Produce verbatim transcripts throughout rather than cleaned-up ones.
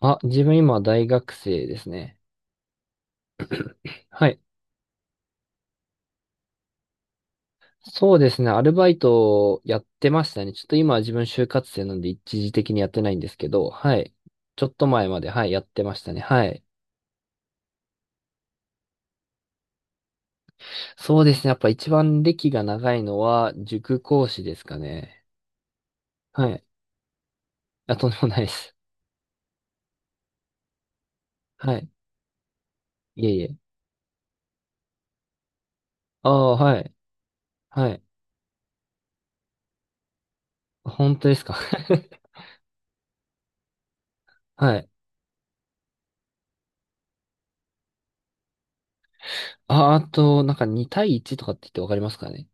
あ、自分今大学生ですね。はい。そうですね。アルバイトやってましたね。ちょっと今は自分就活生なんで一時的にやってないんですけど、はい。ちょっと前まで、はい、やってましたね。はい。そうですね。やっぱ一番歴が長いのは塾講師ですかね。はい。あ、とんでもないです。はい。いえいえ。ああ、はい。はい。本当ですか。はい。あ、あと、なんかに対いちとかって言ってわかりますかね。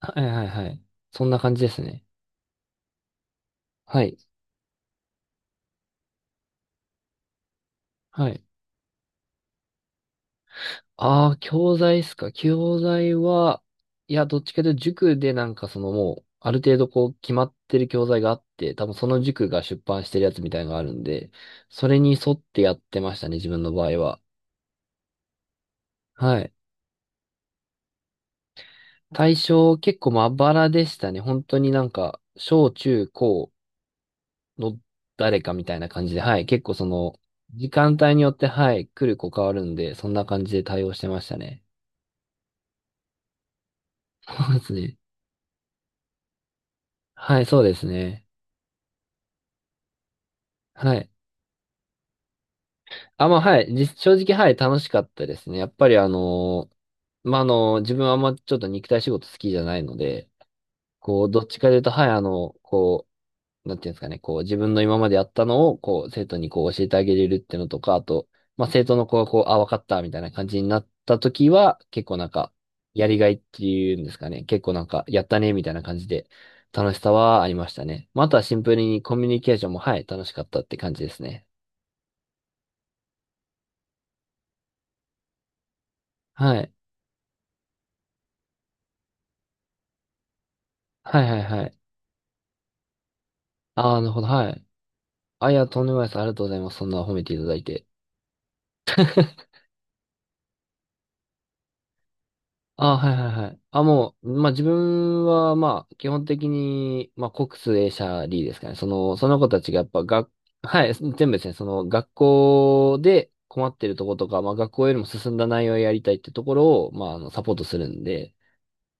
はいはいはい。そんな感じですね。はい。はい。ああ、教材っすか。教材は、いや、どっちかというと塾でなんかそのもう、ある程度こう決まってる教材があって、多分その塾が出版してるやつみたいなのがあるんで、それに沿ってやってましたね、自分の場合は。はい。対象結構まばらでしたね。本当になんか、小中高の誰かみたいな感じで、はい。結構その、時間帯によって、はい、来る子変わるんで、そんな感じで対応してましたね。そうですね。はい、そうですね。はい。あ、まあ、はい。じ正直、はい、楽しかったですね。やっぱり、あのーまあ、あのー自分はあんまちょっと肉体仕事好きじゃないので、こう、どっちかというと、はい、あの、こう、なんていうんですかね、こう、自分の今までやったのを、こう、生徒にこう、教えてあげれるっていうのとか、あと、まあ、生徒の子がこう、あ、わかった、みたいな感じになった時は、結構なんか、やりがいっていうんですかね、結構なんか、やったね、みたいな感じで、楽しさはありましたね。まあ、あとはシンプルにコミュニケーションも、はい、楽しかったって感じですね。はい。はいはいはい。ああ、なるほど。はい。あ、いや、とんでもないです。ありがとうございます。そんな褒めていただいて。ああ、はいはいはい。あ、もう、まあ、自分は、まあ、基本的に、まあ、国数英社理ですかね。その、その子たちがやっぱ学、はい、全部ですね。その、学校で困ってるところとか、まあ、学校よりも進んだ内容をやりたいってところを、まあ、あの、サポートするんで、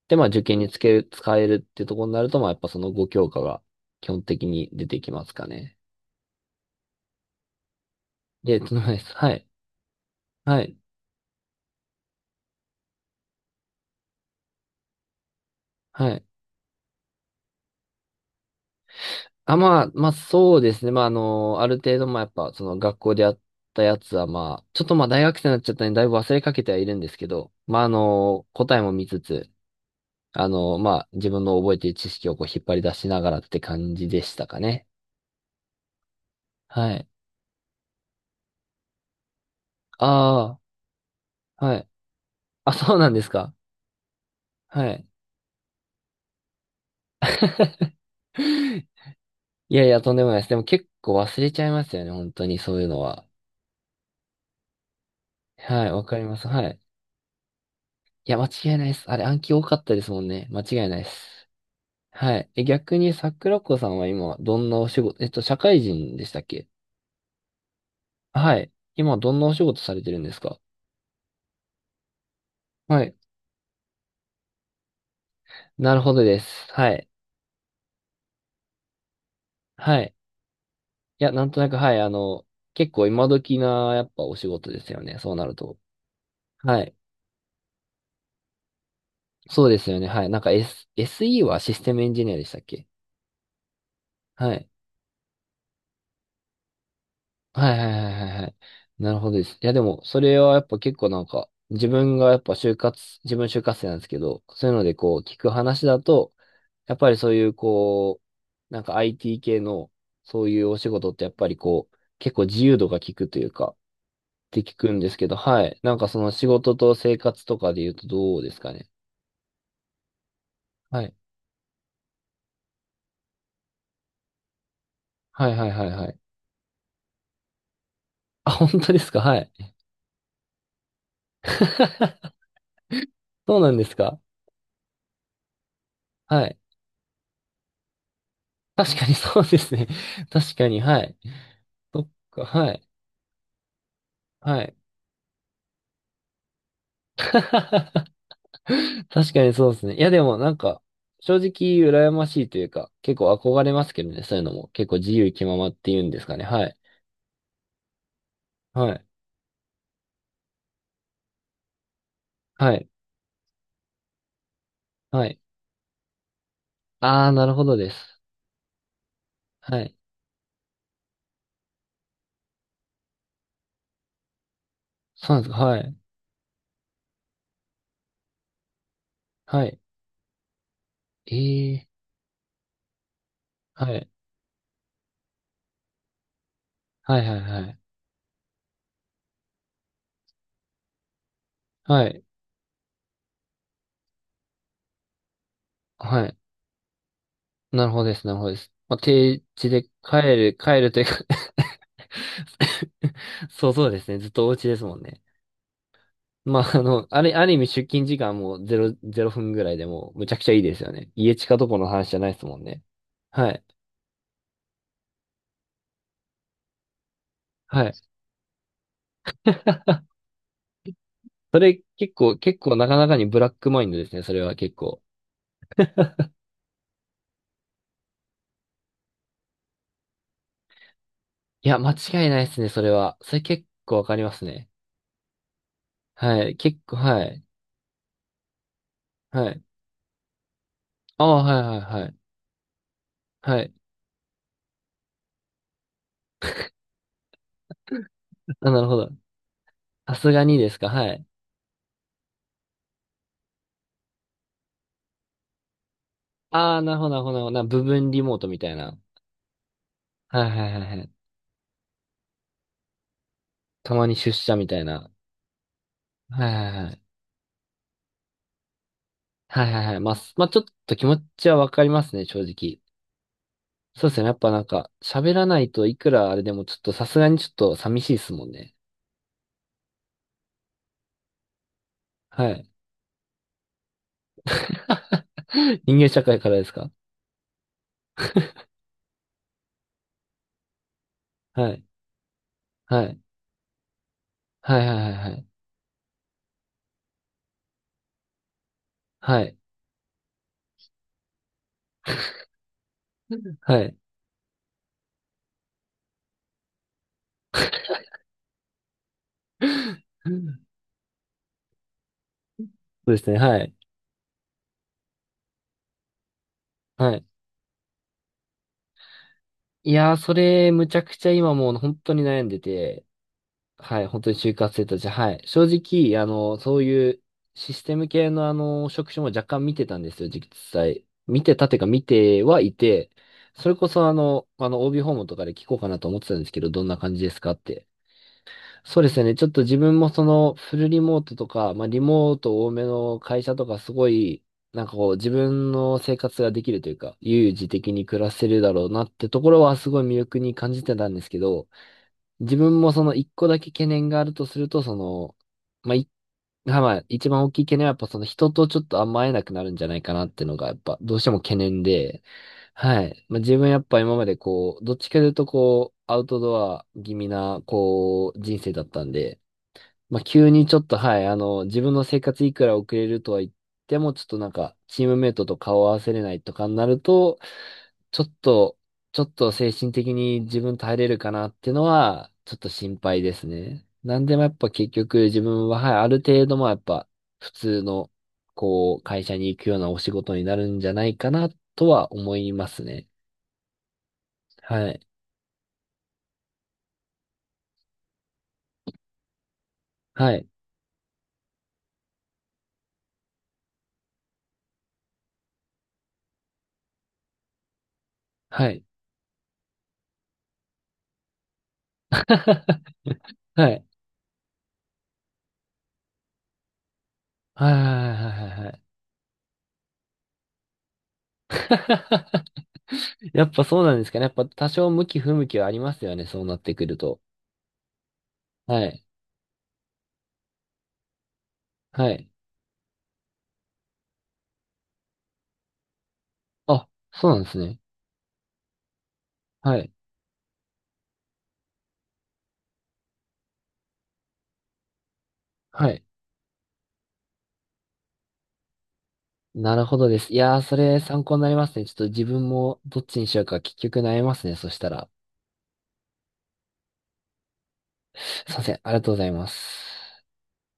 で、まあ、受験につける、使えるってところになると、まあ、やっぱそのご教科が基本的に出てきますかね。で、とんでもないです。はい。はい。はい。あ、まあ、まあそうですね。まああの、ある程度まあやっぱその学校でやったやつはまあ、ちょっとまあ大学生になっちゃったんでだいぶ忘れかけてはいるんですけど、まああの、答えも見つつ、あの、まあ自分の覚えている知識をこう引っ張り出しながらって感じでしたかね。はい。ああ、はい。あ、そうなんですか。はい。いやいや、とんでもないです。でも結構忘れちゃいますよね。本当にそういうのは。はい、わかります。はい。いや、間違いないです。あれ暗記多かったですもんね。間違いないです。はい。え、逆に桜子さんは今、どんなお仕事、えっと、社会人でしたっけ？はい。今、どんなお仕事されてるんですか？はい。なるほどです。はい。はい。いや、なんとなく、はい。あの、結構今時な、やっぱお仕事ですよね。そうなると。はい。そうですよね。はい。なんか、S、エスイー はシステムエンジニアでしたっけ？はい。はいはいはいはいはい。なるほどです。いや、でも、それはやっぱ結構なんか、自分がやっぱ就活、自分就活生なんですけど、そういうのでこう、聞く話だと、やっぱりそういうこう、なんか アイティー 系のそういうお仕事ってやっぱりこう、結構自由度が効くというか、って聞くんですけど、はい。なんかその仕事と生活とかで言うとどうですかね。はい。はいはいはいはい。あ、本当ですか？はい。そうなんですか？はい。確かにそうですね。確かに、はい。そっか、はい。はい。確かにそうですね。いや、でもなんか、正直羨ましいというか、結構憧れますけどね、そういうのも。結構自由気ままっていうんですかね。はい。はい。はい。はい。ああ、なるほどです。はい。そうなんですか。はい。はい。ええ。はいはいはいはい。はい。はい。なるほどです。なるほどです。まあ、定時で帰る、帰るというか、 そうそうですね。ずっとお家ですもんね。まあ、あの、あれ、ある意味出勤時間もうゼロ、ゼロふんぐらいでもうむちゃくちゃいいですよね。家近どこの話じゃないですもんね。はい。はい。それ結構、結構なかなかにブラックマインドですね。それは結構。いや、間違いないですね。それは。それ結構わかりますね。はい。結構、はい。はい。ああ、はいはいはい。はい。あ、なるほど。さすがにですか。はい。ああ、なるほど、なるほど、なるほど。な部分リモートみたいな。はいはいはいはい。たまに出社みたいな。はいはいはい。はいはいはい。まあ、すまあ、ちょっと気持ちはわかりますね、正直。そうですね。やっぱなんか、喋らないといくらあれでもちょっとさすがにちょっと寂しいですもんね。はい。人間社会からですか？はい。はい。はいはいはいはい。はい。はい。そうですね。はい。はい。いやー、それ、むちゃくちゃ今もう本当に悩んでて、はい、本当に就活生たち、はい。正直、あの、そういうシステム系のあの、職種も若干見てたんですよ、実際。見てたてか見てはいて、それこそあの、あの、オービー 訪問とかで聞こうかなと思ってたんですけど、どんな感じですかって。そうですね、ちょっと自分もその、フルリモートとか、まあ、リモート多めの会社とか、すごい、なんかこう、自分の生活ができるというか、悠々自適に暮らせるだろうなってところは、すごい魅力に感じてたんですけど、自分もその一個だけ懸念があるとすると、その、まあ、い、まあ、一番大きい懸念はやっぱその人とちょっとあんま会えなくなるんじゃないかなっていうのがやっぱどうしても懸念で、はい。まあ、自分やっぱ今までこう、どっちかというとこう、アウトドア気味なこう、人生だったんで、まあ、急にちょっとはい、あの、自分の生活いくら遅れるとは言っても、ちょっとなんか、チームメイトと顔を合わせれないとかになると、ちょっと、ちょっと精神的に自分耐えれるかなっていうのは、ちょっと心配ですね。なんでもやっぱ結局自分は、はい、ある程度もやっぱ普通の、こう、会社に行くようなお仕事になるんじゃないかなとは思いますね。はい。はい。はい。はい。はいはいはいはいはい。やっぱそうなんですかね。やっぱ多少向き不向きはありますよね。そうなってくると。はい。はい。あ、そうなんですね。はい。はい。なるほどです。いやー、それ参考になりますね。ちょっと自分もどっちにしようか結局悩みますね。そしたら。すいません。ありがとうございます。